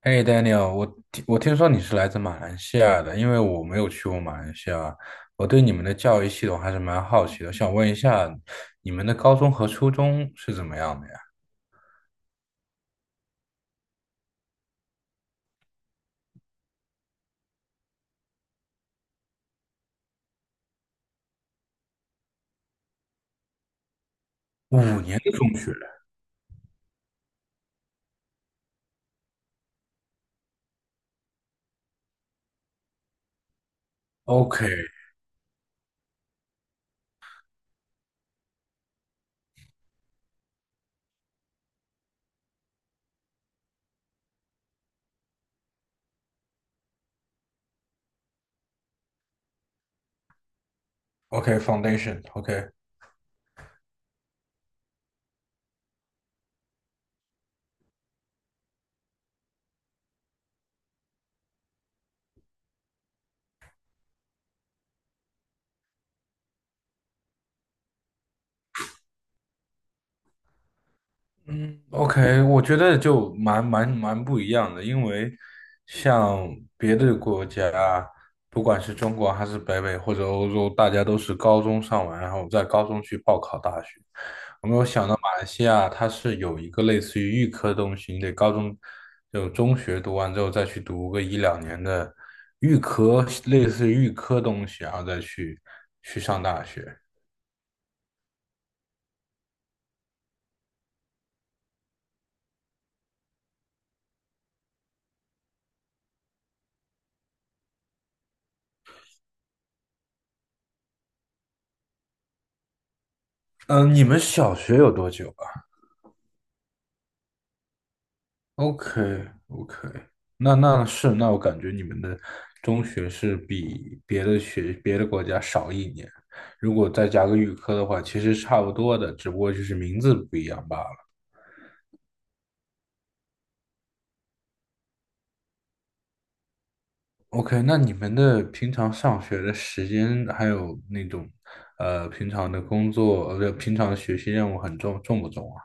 哎，Daniel，我听说你是来自马来西亚的，因为我没有去过马来西亚，我对你们的教育系统还是蛮好奇的，想问一下，你们的高中和初中是怎么样的呀？五年的中学。OK，OK，Foundation，OK，嗯，OK，我觉得就蛮不一样的，因为像别的国家，不管是中国还是北美或者欧洲，大家都是高中上完，然后在高中去报考大学。我没有想到马来西亚它是有一个类似于预科的东西，你得高中就中学读完之后再去读个一两年的预科，类似于预科东西，然后再去上大学。嗯，你们小学有多久？OK OK，那我感觉你们的中学是比别的国家少一年，如果再加个预科的话，其实差不多的，只不过就是名字不一样罢了。OK，那你们的平常上学的时间还有那种平常的工作，不平常的学习任务重不重啊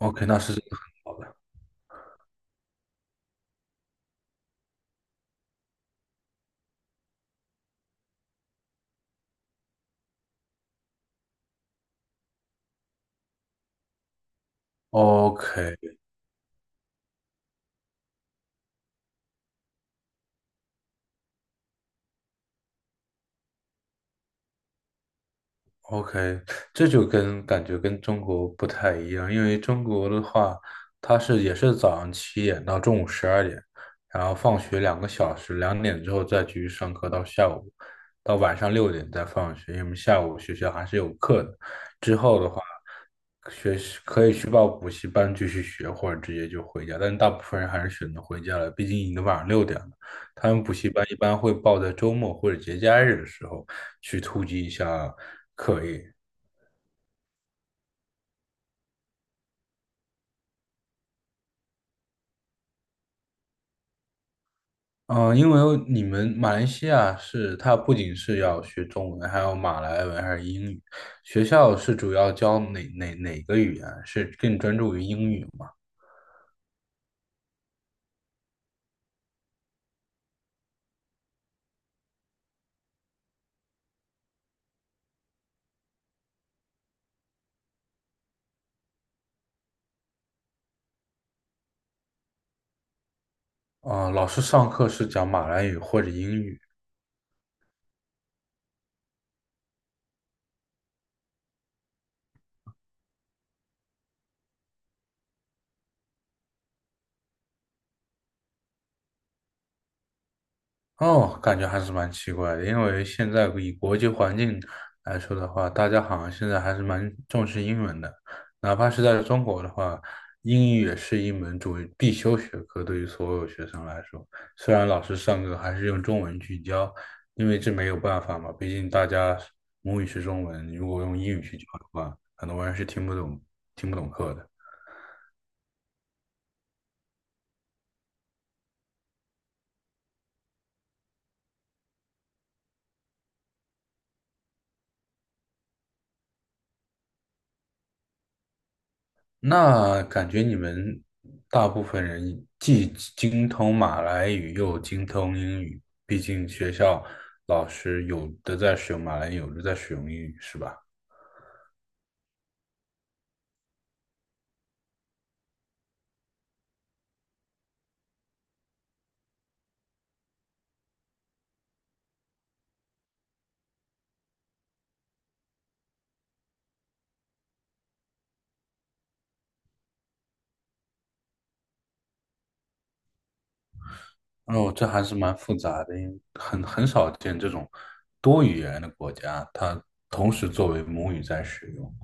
？OK，那是真的很好的。OK，OK，这就感觉跟中国不太一样，因为中国的话，它也是早上7点到中午12点，然后放学2个小时，2点之后再继续上课到下午，到晚上六点再放学，因为下午学校还是有课的。之后的话，学习可以去报补习班继续学，或者直接就回家，但大部分人还是选择回家了，毕竟已经晚上六点了。他们补习班一般会报在周末或者节假日的时候去突击一下。嗯，因为你们马来西亚是，它不仅是要学中文，还有马来文还是英语。学校是主要教哪个语言？是更专注于英语吗？啊，老师上课是讲马来语或者英语。哦，感觉还是蛮奇怪的，因为现在以国际环境来说的话，大家好像现在还是蛮重视英文的，哪怕是在中国的话，英语也是一门必修学科，对于所有学生来说，虽然老师上课还是用中文去教，因为这没有办法嘛，毕竟大家母语是中文，如果用英语去教的话，很多人是听不懂课的。那感觉你们大部分人既精通马来语又精通英语，毕竟学校老师有的在使用马来语，有的在使用英语，是吧？哦，这还是蛮复杂的，因为很少见这种多语言的国家，它同时作为母语在使用。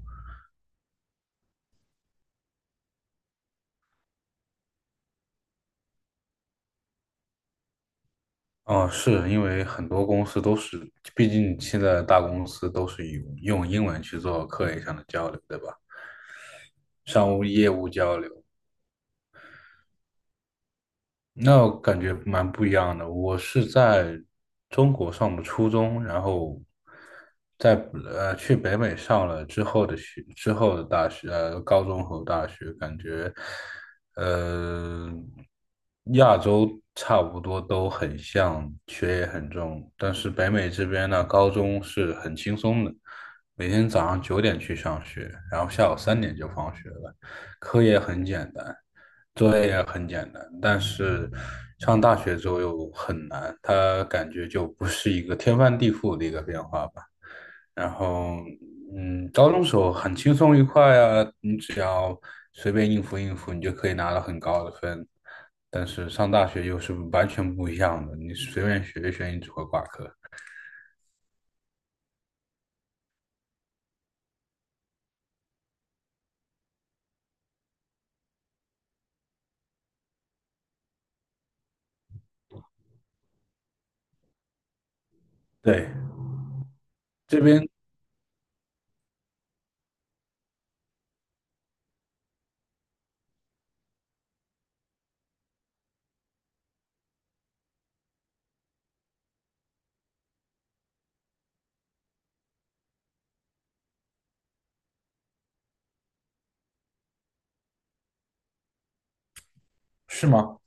哦，是因为很多公司都是，毕竟现在大公司都是用英文去做课业上的交流，对吧？商务业务交流。那我感觉蛮不一样的。我是在中国上的初中，然后在去北美上了之后的大学，高中和大学，感觉呃亚洲差不多都很像，学业很重，但是北美这边呢，高中是很轻松的，每天早上9点去上学，然后下午3点就放学了，课也很简单。作业很简单，但是上大学之后又很难，它感觉就不是一个天翻地覆的一个变化吧。然后，高中时候很轻松愉快啊，你只要随便应付应付，你就可以拿到很高的分。但是上大学又是完全不一样的，你随便学一学，你只会挂科。对，这边。是吗？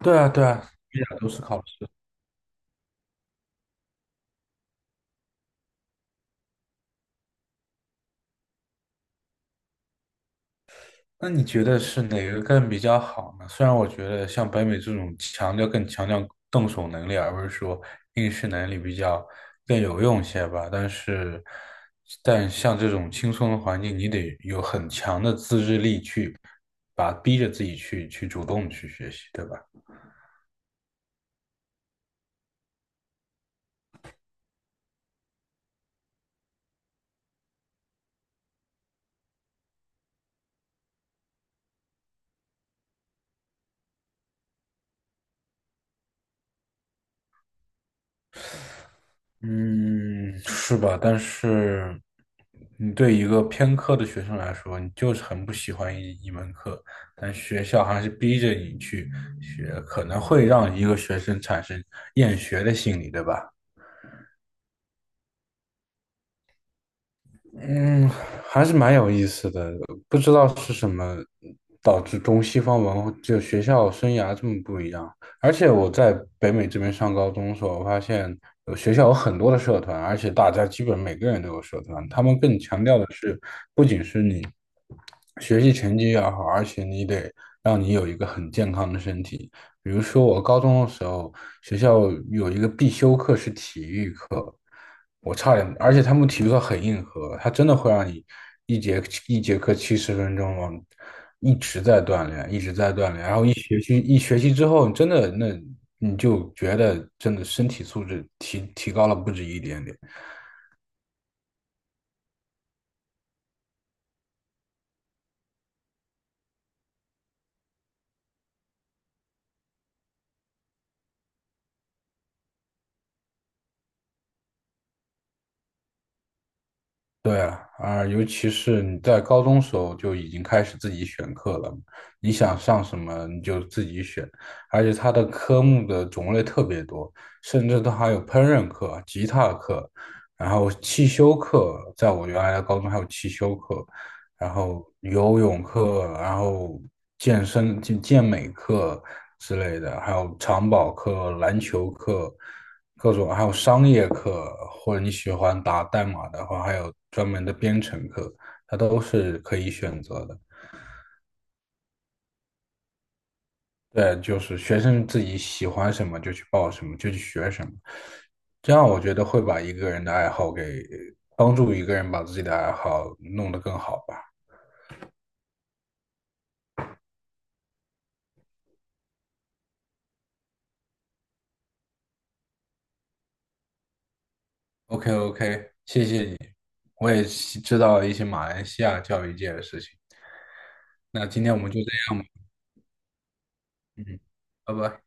对啊，对啊，一点都是考试。那你觉得是哪个更比较好呢？虽然我觉得像北美这种更强调动手能力，而不是说应试能力比较更有用些吧，但像这种轻松的环境，你得有很强的自制力去逼着自己去主动去学习，对吧？嗯，是吧？但是，你对一个偏科的学生来说，你就是很不喜欢一门课，但学校还是逼着你去学，可能会让一个学生产生厌学的心理，对吧？嗯，还是蛮有意思的，不知道是什么导致中西方文化就学校生涯这么不一样。而且我在北美这边上高中的时候，我发现学校有很多的社团，而且大家基本每个人都有社团。他们更强调的是，不仅是你学习成绩要好，而且你得让你有一个很健康的身体。比如说我高中的时候，学校有一个必修课是体育课，我差点，而且他们体育课很硬核，他真的会让你一节一节课70分钟往一直在锻炼，一直在锻炼。学习一学习之后，真的那你就觉得真的身体素质提高了不止一点点。对啊，啊，尤其是你在高中时候就已经开始自己选课了，你想上什么你就自己选，而且它的科目的种类特别多，甚至它还有烹饪课、吉他课，然后汽修课，在我原来的高中还有汽修课，然后游泳课，然后健身、健美课，之类的，还有长跑课、篮球课，各种，还有商业课，或者你喜欢打代码的话，还有专门的编程课，它都是可以选择的。对，就是学生自己喜欢什么就去报什么，就去学什么，这样我觉得会把一个人的爱好帮助一个人把自己的爱好弄得更好吧。OK OK，谢谢你，我也知道了一些马来西亚教育界的事情。那今天我们就这样吧。嗯，拜拜。